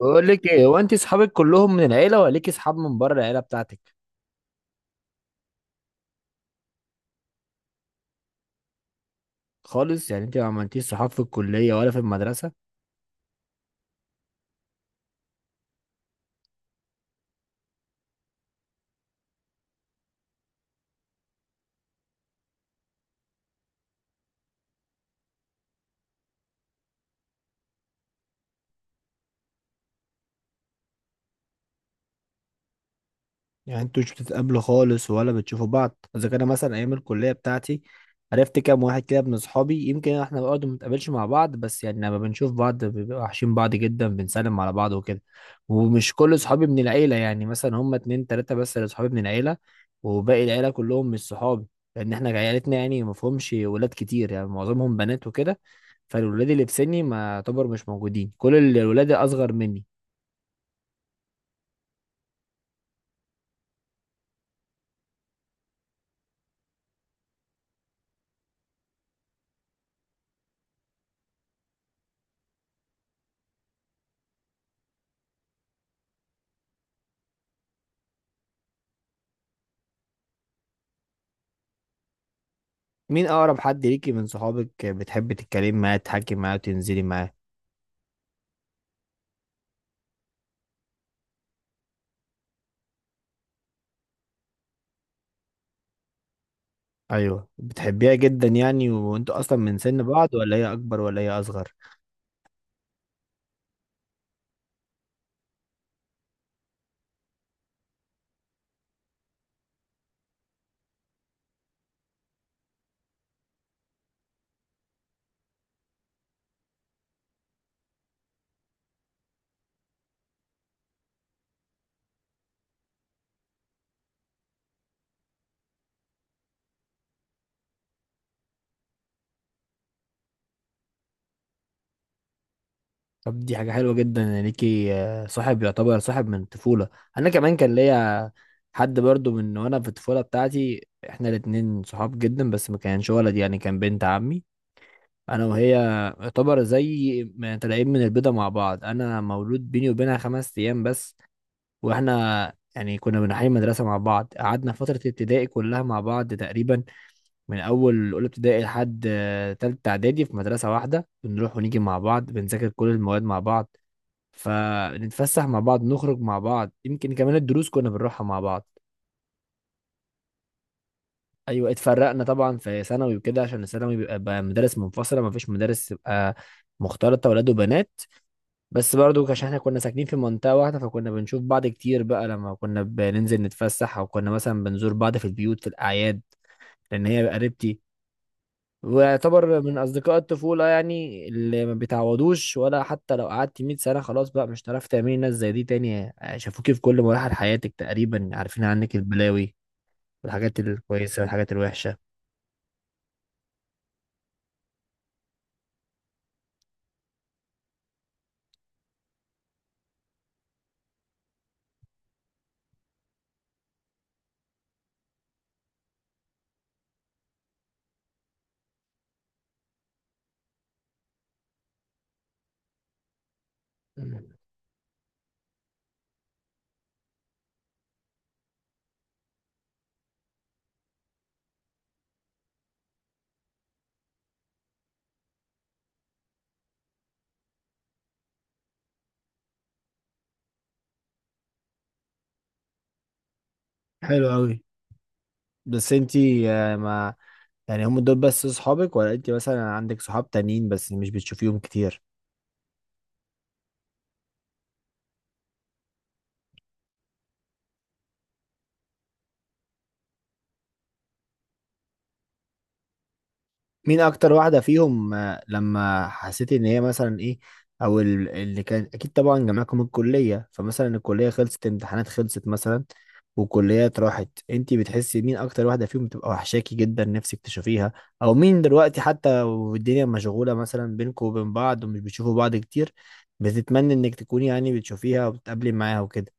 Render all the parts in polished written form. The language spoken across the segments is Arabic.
بقول لك ايه، هو انت اصحابك كلهم من العيله ولا ليكي اصحاب من بره العيله بتاعتك؟ خالص، يعني انت ما عملتيش صحاب في الكليه ولا في المدرسه؟ يعني انتوا مش بتتقابلوا خالص ولا بتشوفوا بعض؟ اذا كان مثلا ايام الكليه بتاعتي، عرفت كام واحد كده من اصحابي، يمكن احنا برضه ما بنتقابلش مع بعض، بس يعني لما بنشوف بعض بنبقى وحشين بعض جدا، بنسلم على بعض وكده. ومش كل اصحابي من العيله، يعني مثلا هم اتنين تلاته بس اللي اصحابي من العيله، وباقي العيله كلهم مش صحابي. لان احنا عيلتنا يعني ما فيهمش ولاد كتير، يعني معظمهم بنات وكده. فالولاد اللي في سني ما يعتبر مش موجودين، كل الولاد الاصغر مني. مين اقرب حد ليكي من صحابك بتحبي تتكلمي معاه، تحكي معاه، وتنزلي معاه؟ ايوه، بتحبيها جدا يعني؟ وانتوا اصلا من سن بعض ولا هي اكبر ولا هي اصغر؟ طب دي حاجه حلوه جدا ان ليكي صاحب يعتبر صاحب من الطفوله. انا كمان كان ليا حد برضو من وانا في الطفوله بتاعتي، احنا الاتنين صحاب جدا، بس ما كانش ولد، يعني كان بنت عمي. انا وهي يعتبر زي ما طالعين من البيضه مع بعض، انا مولود بيني وبينها خمس ايام بس. واحنا يعني كنا بنحيي مدرسة مع بعض، قعدنا فترة ابتدائي كلها مع بعض تقريبا. من أول أولى ابتدائي لحد تالتة إعدادي في مدرسة واحدة، بنروح ونيجي مع بعض، بنذاكر كل المواد مع بعض، فنتفسح مع بعض، نخرج مع بعض، يمكن كمان الدروس كنا بنروحها مع بعض. أيوة، اتفرقنا طبعا في ثانوي وكده، عشان الثانوي بيبقى بقى مدارس منفصلة، مفيش مدارس تبقى مختلطة ولاد وبنات. بس برضو عشان احنا كنا ساكنين في منطقة واحدة، فكنا بنشوف بعض كتير بقى، لما كنا بننزل نتفسح او كنا مثلا بنزور بعض في البيوت في الاعياد. لان هي قريبتي، ويعتبر من اصدقاء الطفولة يعني، اللي ما بيتعوضوش. ولا حتى لو قعدت 100 سنة خلاص بقى مش هتعرفي تعملي ناس زي دي تاني، شافوكي في كل مراحل حياتك تقريبا، عارفين عنك البلاوي والحاجات الكويسة والحاجات الوحشة. حلو قوي. بس انتي آه، ما يعني هم دول بس صحابك، ولا انتي مثلا عندك صحاب تانيين بس مش بتشوفيهم كتير؟ مين اكتر واحده فيهم لما حسيت ان هي مثلا ايه، او اللي كان اكيد طبعا جامعكم الكليه، فمثلا الكليه خلصت، امتحانات خلصت مثلا، وكليات راحت، انت بتحسي مين اكتر واحده فيهم بتبقى وحشاكي جدا نفسك تشوفيها؟ او مين دلوقتي حتى والدنيا مشغوله مثلا بينكم وبين بعض ومش بتشوفوا بعض كتير، بتتمنى انك تكوني يعني بتشوفيها وبتقابلي معاها وكده؟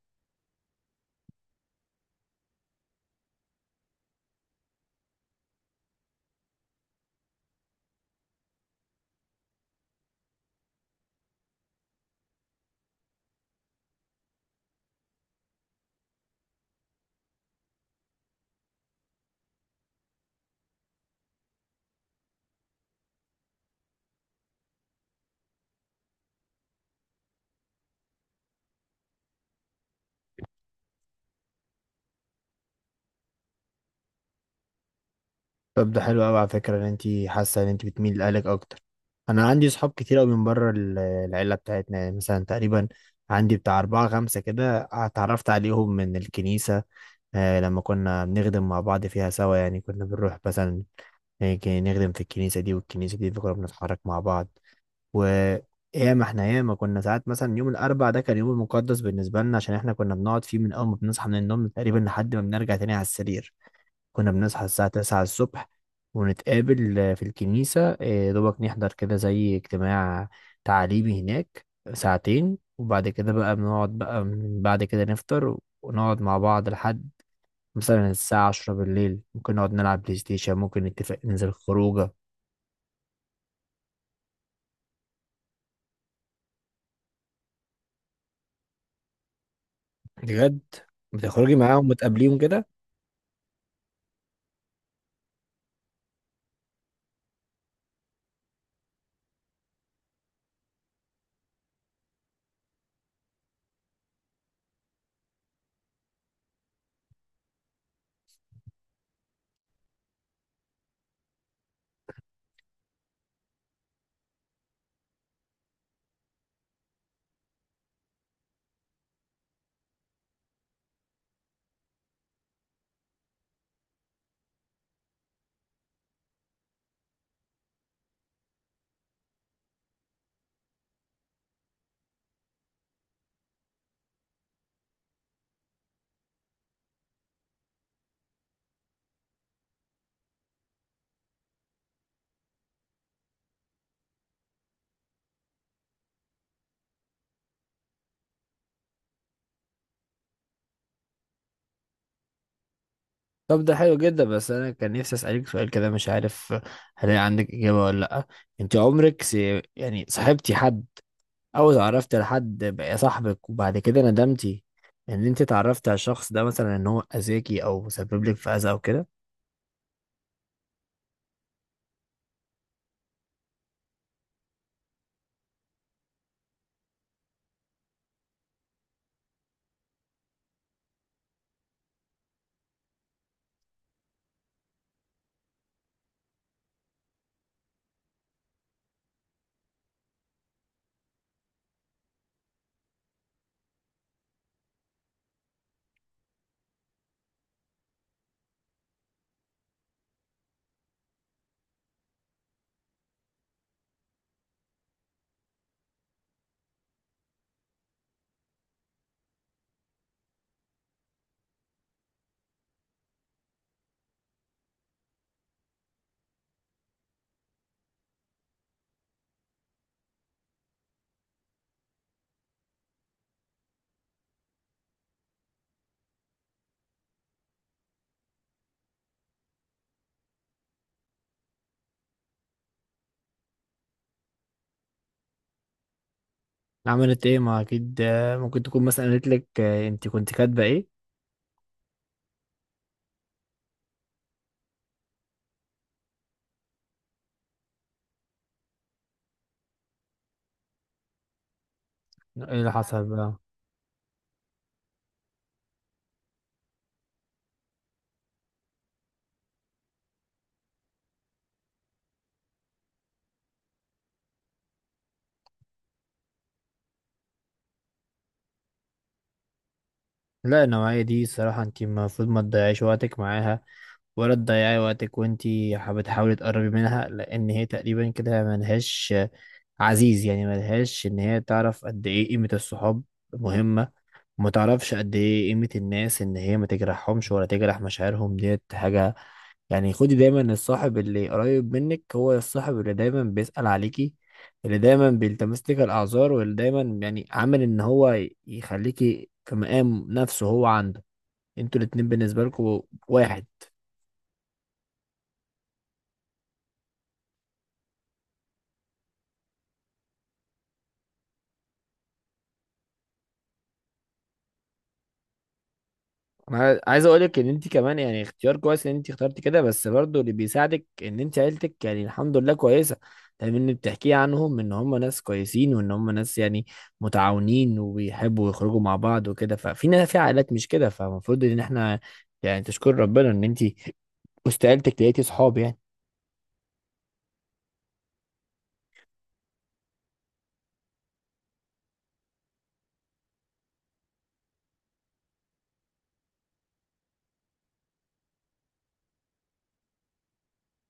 طب ده حلو قوي على فكرة، ان انت حاسة ان انت بتميل لأهلك اكتر. انا عندي صحاب كتير قوي من بره العيلة بتاعتنا، يعني مثلا تقريبا عندي بتاع أربعة خمسة كده اتعرفت عليهم من الكنيسة. لما كنا بنخدم مع بعض فيها سوا، يعني كنا بنروح مثلا هيك نخدم في الكنيسة دي والكنيسة دي، فكنا بنتحرك مع بعض. وياما احنا ياما كنا ساعات مثلا، يوم الأربع ده كان يوم مقدس بالنسبة لنا، عشان احنا كنا بنقعد فيه من أول ما بنصحى من النوم تقريبا لحد ما بنرجع تاني على السرير. كنا بنصحى الساعة تسعة الصبح ونتقابل في الكنيسة، دوبك نحضر كده زي اجتماع تعليمي هناك ساعتين، وبعد كده بقى بنقعد بقى من بعد كده نفطر، ونقعد مع بعض لحد مثلا الساعة عشرة بالليل، ممكن نقعد نلعب بلاي ستيشن، ممكن نتفق ننزل خروجة. بجد بتخرجي معاهم وتقابليهم كده؟ طب ده حلو جدا. بس أنا كان نفسي أسألك سؤال كده، مش عارف هلاقي عندك إجابة ولا لأ. أنت عمرك يعني صاحبتي حد او اتعرفت لحد بقى صاحبك وبعد كده ندمتي ان انت اتعرفت على الشخص ده، مثلا ان هو اذاكي او سبب لك في اذى او كده؟ عملت ايه؟ ما اكيد ممكن تكون مثلا قالت لك انت كنت كاتبه ايه. ايه اللي حصل بقى؟ لا، النوعية دي الصراحة انت المفروض ما تضيعيش وقتك معاها، ولا تضيعي وقتك وانت حابة بتحاولي تقربي منها، لان هي تقريبا كده ملهاش عزيز، يعني ملهاش ان هي تعرف قد ايه قيمة الصحاب مهمة، ما تعرفش قد ايه قيمة الناس ان هي ما تجرحهمش ولا تجرح مشاعرهم ديت حاجة. يعني خدي دايما الصاحب اللي قريب منك هو الصاحب اللي دايما بيسأل عليكي، اللي دايما بيلتمس لك الأعذار، واللي دايما يعني عامل ان هو يخليكي في مقام نفسه هو عنده، انتوا الاتنين بالنسبة لكم واحد. انا عايز اقول لك ان انت كمان يعني اختيار كويس ان انت اخترتي كده، بس برضو اللي بيساعدك ان انت عيلتك يعني الحمد لله كويسه، لان اللي بتحكيه عنهم ان هم ناس كويسين، وان هم ناس يعني متعاونين وبيحبوا يخرجوا مع بعض وكده. ففي ناس في عائلات مش كده، فالمفروض ان احنا يعني تشكر ربنا ان انت وسط عيلتك لقيتي صحاب يعني.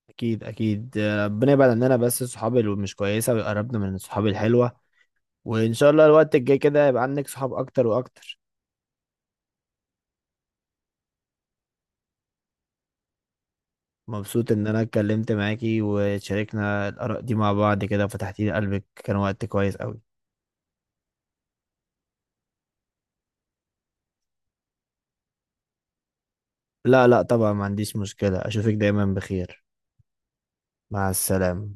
اكيد اكيد، ربنا يبعد عننا بس الصحاب اللي مش كويسه، ويقربنا من الصحاب الحلوه، وان شاء الله الوقت الجاي كده يبقى عندك صحاب اكتر واكتر. مبسوط ان انا اتكلمت معاكي وشاركنا الاراء دي مع بعض كده وفتحتي لي قلبك، كان وقت كويس قوي. لا لا طبعا، ما عنديش مشكلة، اشوفك دايما بخير. مع السلامة.